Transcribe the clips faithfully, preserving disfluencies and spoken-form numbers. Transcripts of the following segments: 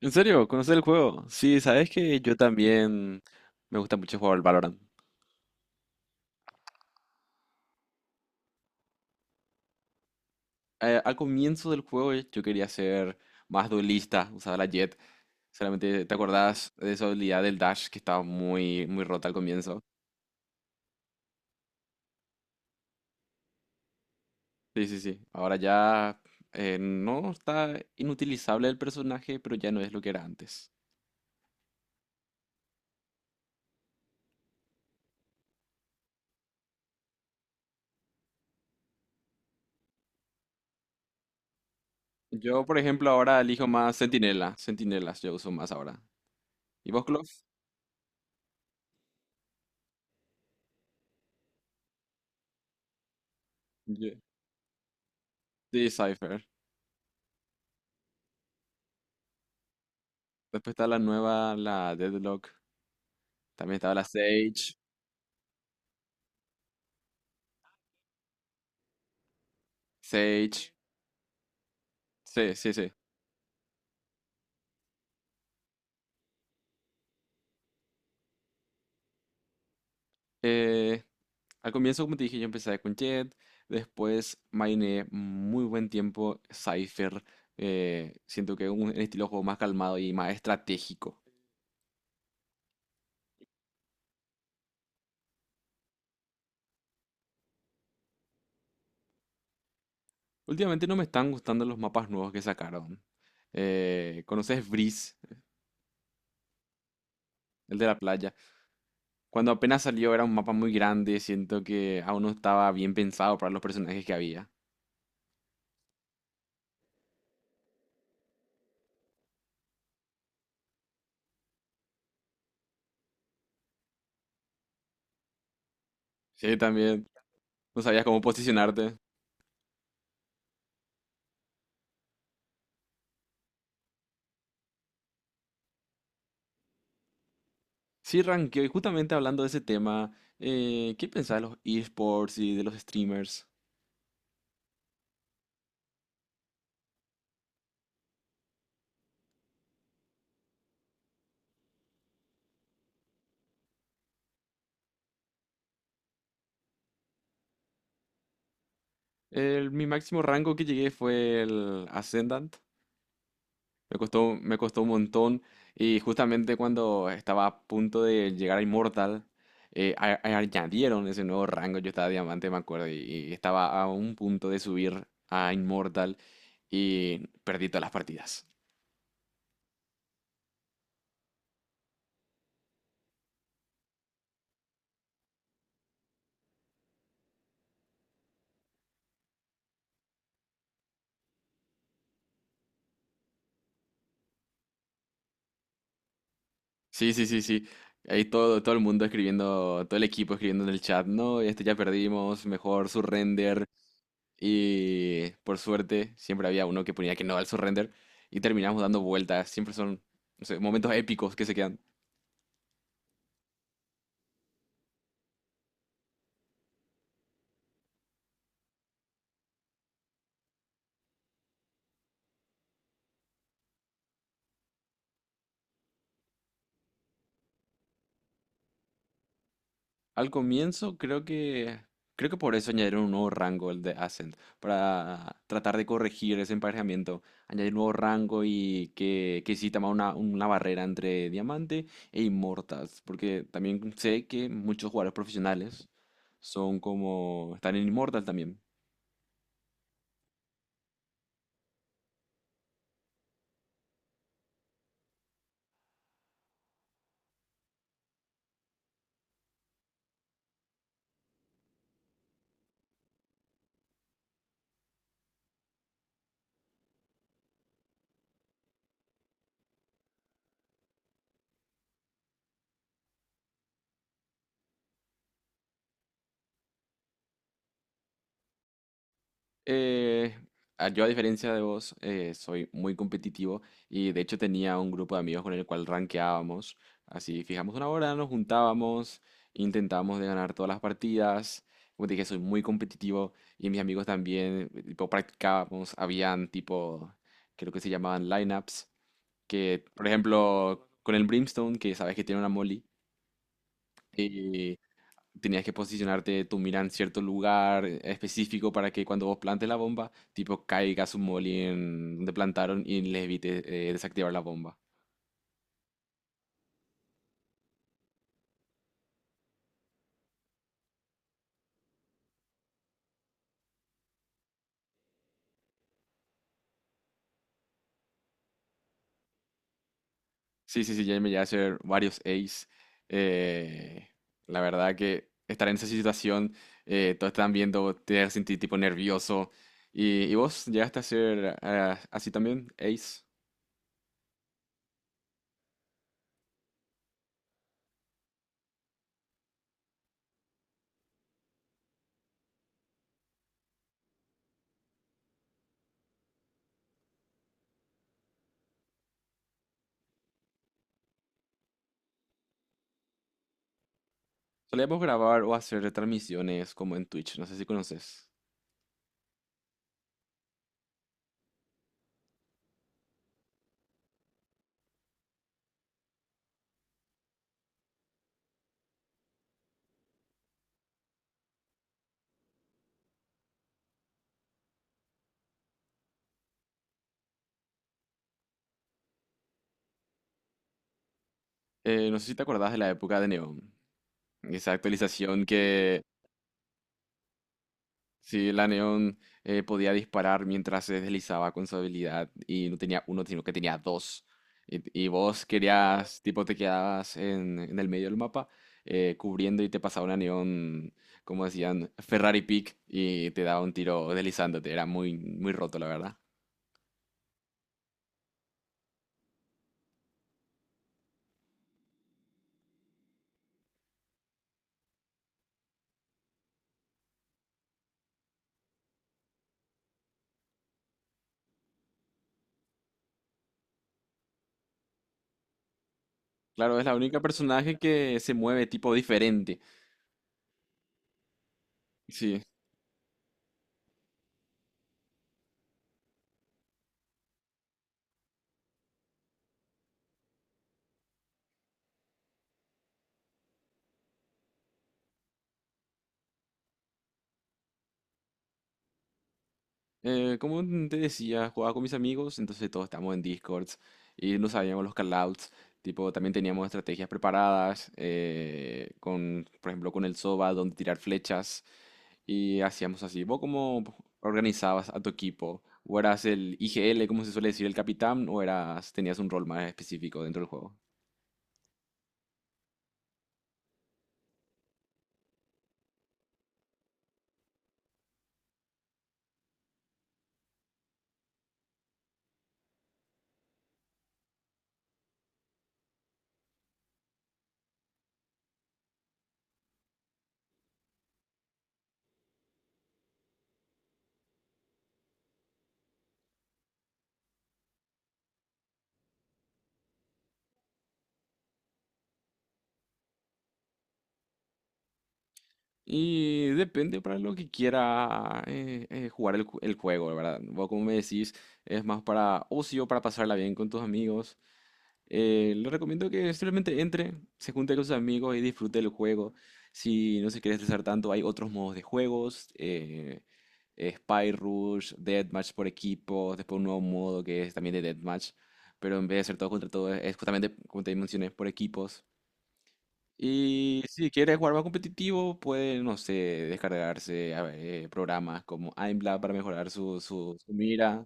¿En serio? ¿Conoces el juego? Sí, sabes que yo también me gusta mucho jugar al Valorant. Eh, al comienzo del juego eh, yo quería ser más duelista, usaba la Jett. Solamente te acordás de esa habilidad del dash que estaba muy, muy rota al comienzo. Sí, sí, sí. Ahora ya eh, no está inutilizable el personaje, pero ya no es lo que era antes. Yo, por ejemplo, ahora elijo más Centinela. Centinelas yo uso más ahora. ¿Y vos, Clof? Yo- Sí, Cypher. Después está la nueva, la Deadlock. También estaba la Sage. Sage. Sí, sí, sí. Eh, Al comienzo, como te dije, yo empecé con Jet. Después maineé muy buen tiempo Cypher. Eh, siento que es un estilo de juego más calmado y más estratégico. Últimamente no me están gustando los mapas nuevos que sacaron. Eh, ¿conoces Breeze, el de la playa? Cuando apenas salió era un mapa muy grande. Siento que aún no estaba bien pensado para los personajes que había. Sí, también. No sabías cómo posicionarte. Sí, ranqueo. Y justamente hablando de ese tema, eh, ¿qué pensás de los esports y de los streamers? El- mi máximo rango que llegué fue el Ascendant. Me costó, me costó un montón. Y justamente cuando estaba a punto de llegar a Immortal, eh, a- a- añadieron ese nuevo rango. Yo estaba diamante, me acuerdo, y, y estaba a un punto de subir a Immortal y perdí todas las partidas. Sí, sí, sí, sí. Ahí todo, todo el mundo escribiendo, todo el equipo escribiendo en el chat, no, este ya perdimos, mejor surrender. Y por suerte, siempre había uno que ponía que no al surrender. Y terminamos dando vueltas. Siempre son, no sé, momentos épicos que se quedan. Al comienzo creo que creo que por eso añadieron un nuevo rango el de Ascent para tratar de corregir ese emparejamiento, añadir un nuevo rango y que que exista más una, una barrera entre diamante e inmortals, porque también sé que muchos jugadores profesionales son como están en inmortal también. Eh, a- yo, a diferencia de vos, eh, soy muy competitivo y de hecho tenía un grupo de amigos con el cual rankeábamos. Así, fijamos una hora, nos juntábamos, intentábamos de ganar todas las partidas. Como te dije, soy muy competitivo y mis amigos también, eh, tipo, practicábamos. Habían, tipo, creo que se llamaban lineups, que, por ejemplo, con el Brimstone, que sabes que tiene una molly, tenías que posicionarte tu mira en cierto lugar específico para que cuando vos plantes la bomba, tipo caiga su molly en donde plantaron y les evite eh, desactivar la bomba. Sí, sí, sí, ya me llegué a hacer varios ace. Eh, la verdad que estar en esa situación, eh, todos están viendo, te sentí tipo nervioso. ¿Y, y vos llegaste a hacer ah, así también, ace? Solíamos grabar o hacer transmisiones como en Twitch, no sé si conoces. Eh, no sé si te acordás de la época de Neon. Esa actualización que sí, la Neon eh, podía disparar mientras se deslizaba con su habilidad y no tenía uno, sino que tenía dos. Y, y vos querías, tipo, te quedabas en, en el medio del mapa eh, cubriendo y te pasaba una Neon, como decían, Ferrari Peak y te daba un tiro deslizándote. Era muy, muy roto, la verdad. Claro, es la única personaje que se mueve tipo diferente. Sí. Eh, como te decía, jugaba con mis amigos, entonces todos estábamos en Discords y no sabíamos los callouts. Tipo, también teníamos estrategias preparadas, eh, con, por ejemplo, con el Soba, donde tirar flechas. Y hacíamos así. ¿Vos cómo organizabas a tu equipo? ¿O eras el I G L, como se suele decir, el capitán? ¿O eras, tenías un rol más específico dentro del juego? Y depende para lo que quiera eh, eh, jugar el, ju- el juego, ¿verdad? Vos, como me decís, es más para ocio, para pasarla bien con tus amigos. Eh, le recomiendo que simplemente entre, se junte con sus amigos y disfrute el juego. Si no se quiere estresar tanto, hay otros modos de juegos. eh, eh, Spy Rush, Deathmatch por equipo, después un nuevo modo que es también de Deathmatch. Pero en vez de ser todo contra todo, es justamente, como te mencioné, por equipos. Y si quieres jugar más competitivo, puede, no sé, descargarse a ver, eh, programas como aimbla para mejorar su, su, su mira.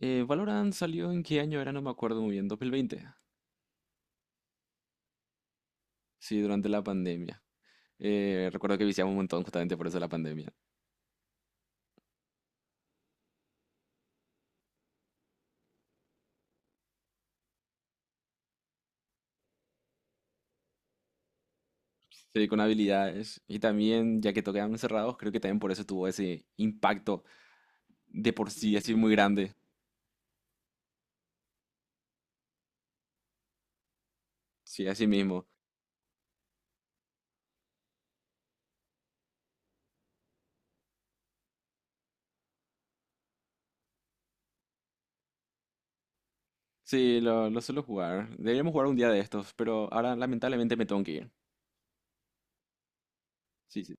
Eh, Valorant salió en qué año era, no me acuerdo muy bien, dos mil veinte. Sí, durante la pandemia. Eh, recuerdo que viciamos un montón justamente por eso la pandemia. Sí, con habilidades. Y también, ya que tocaban encerrados, creo que también por eso tuvo ese impacto de por sí, así muy grande. Sí, así mismo. Sí, lo, lo suelo jugar. Deberíamos jugar un día de estos, pero ahora lamentablemente me tengo que ir. Sí, sí.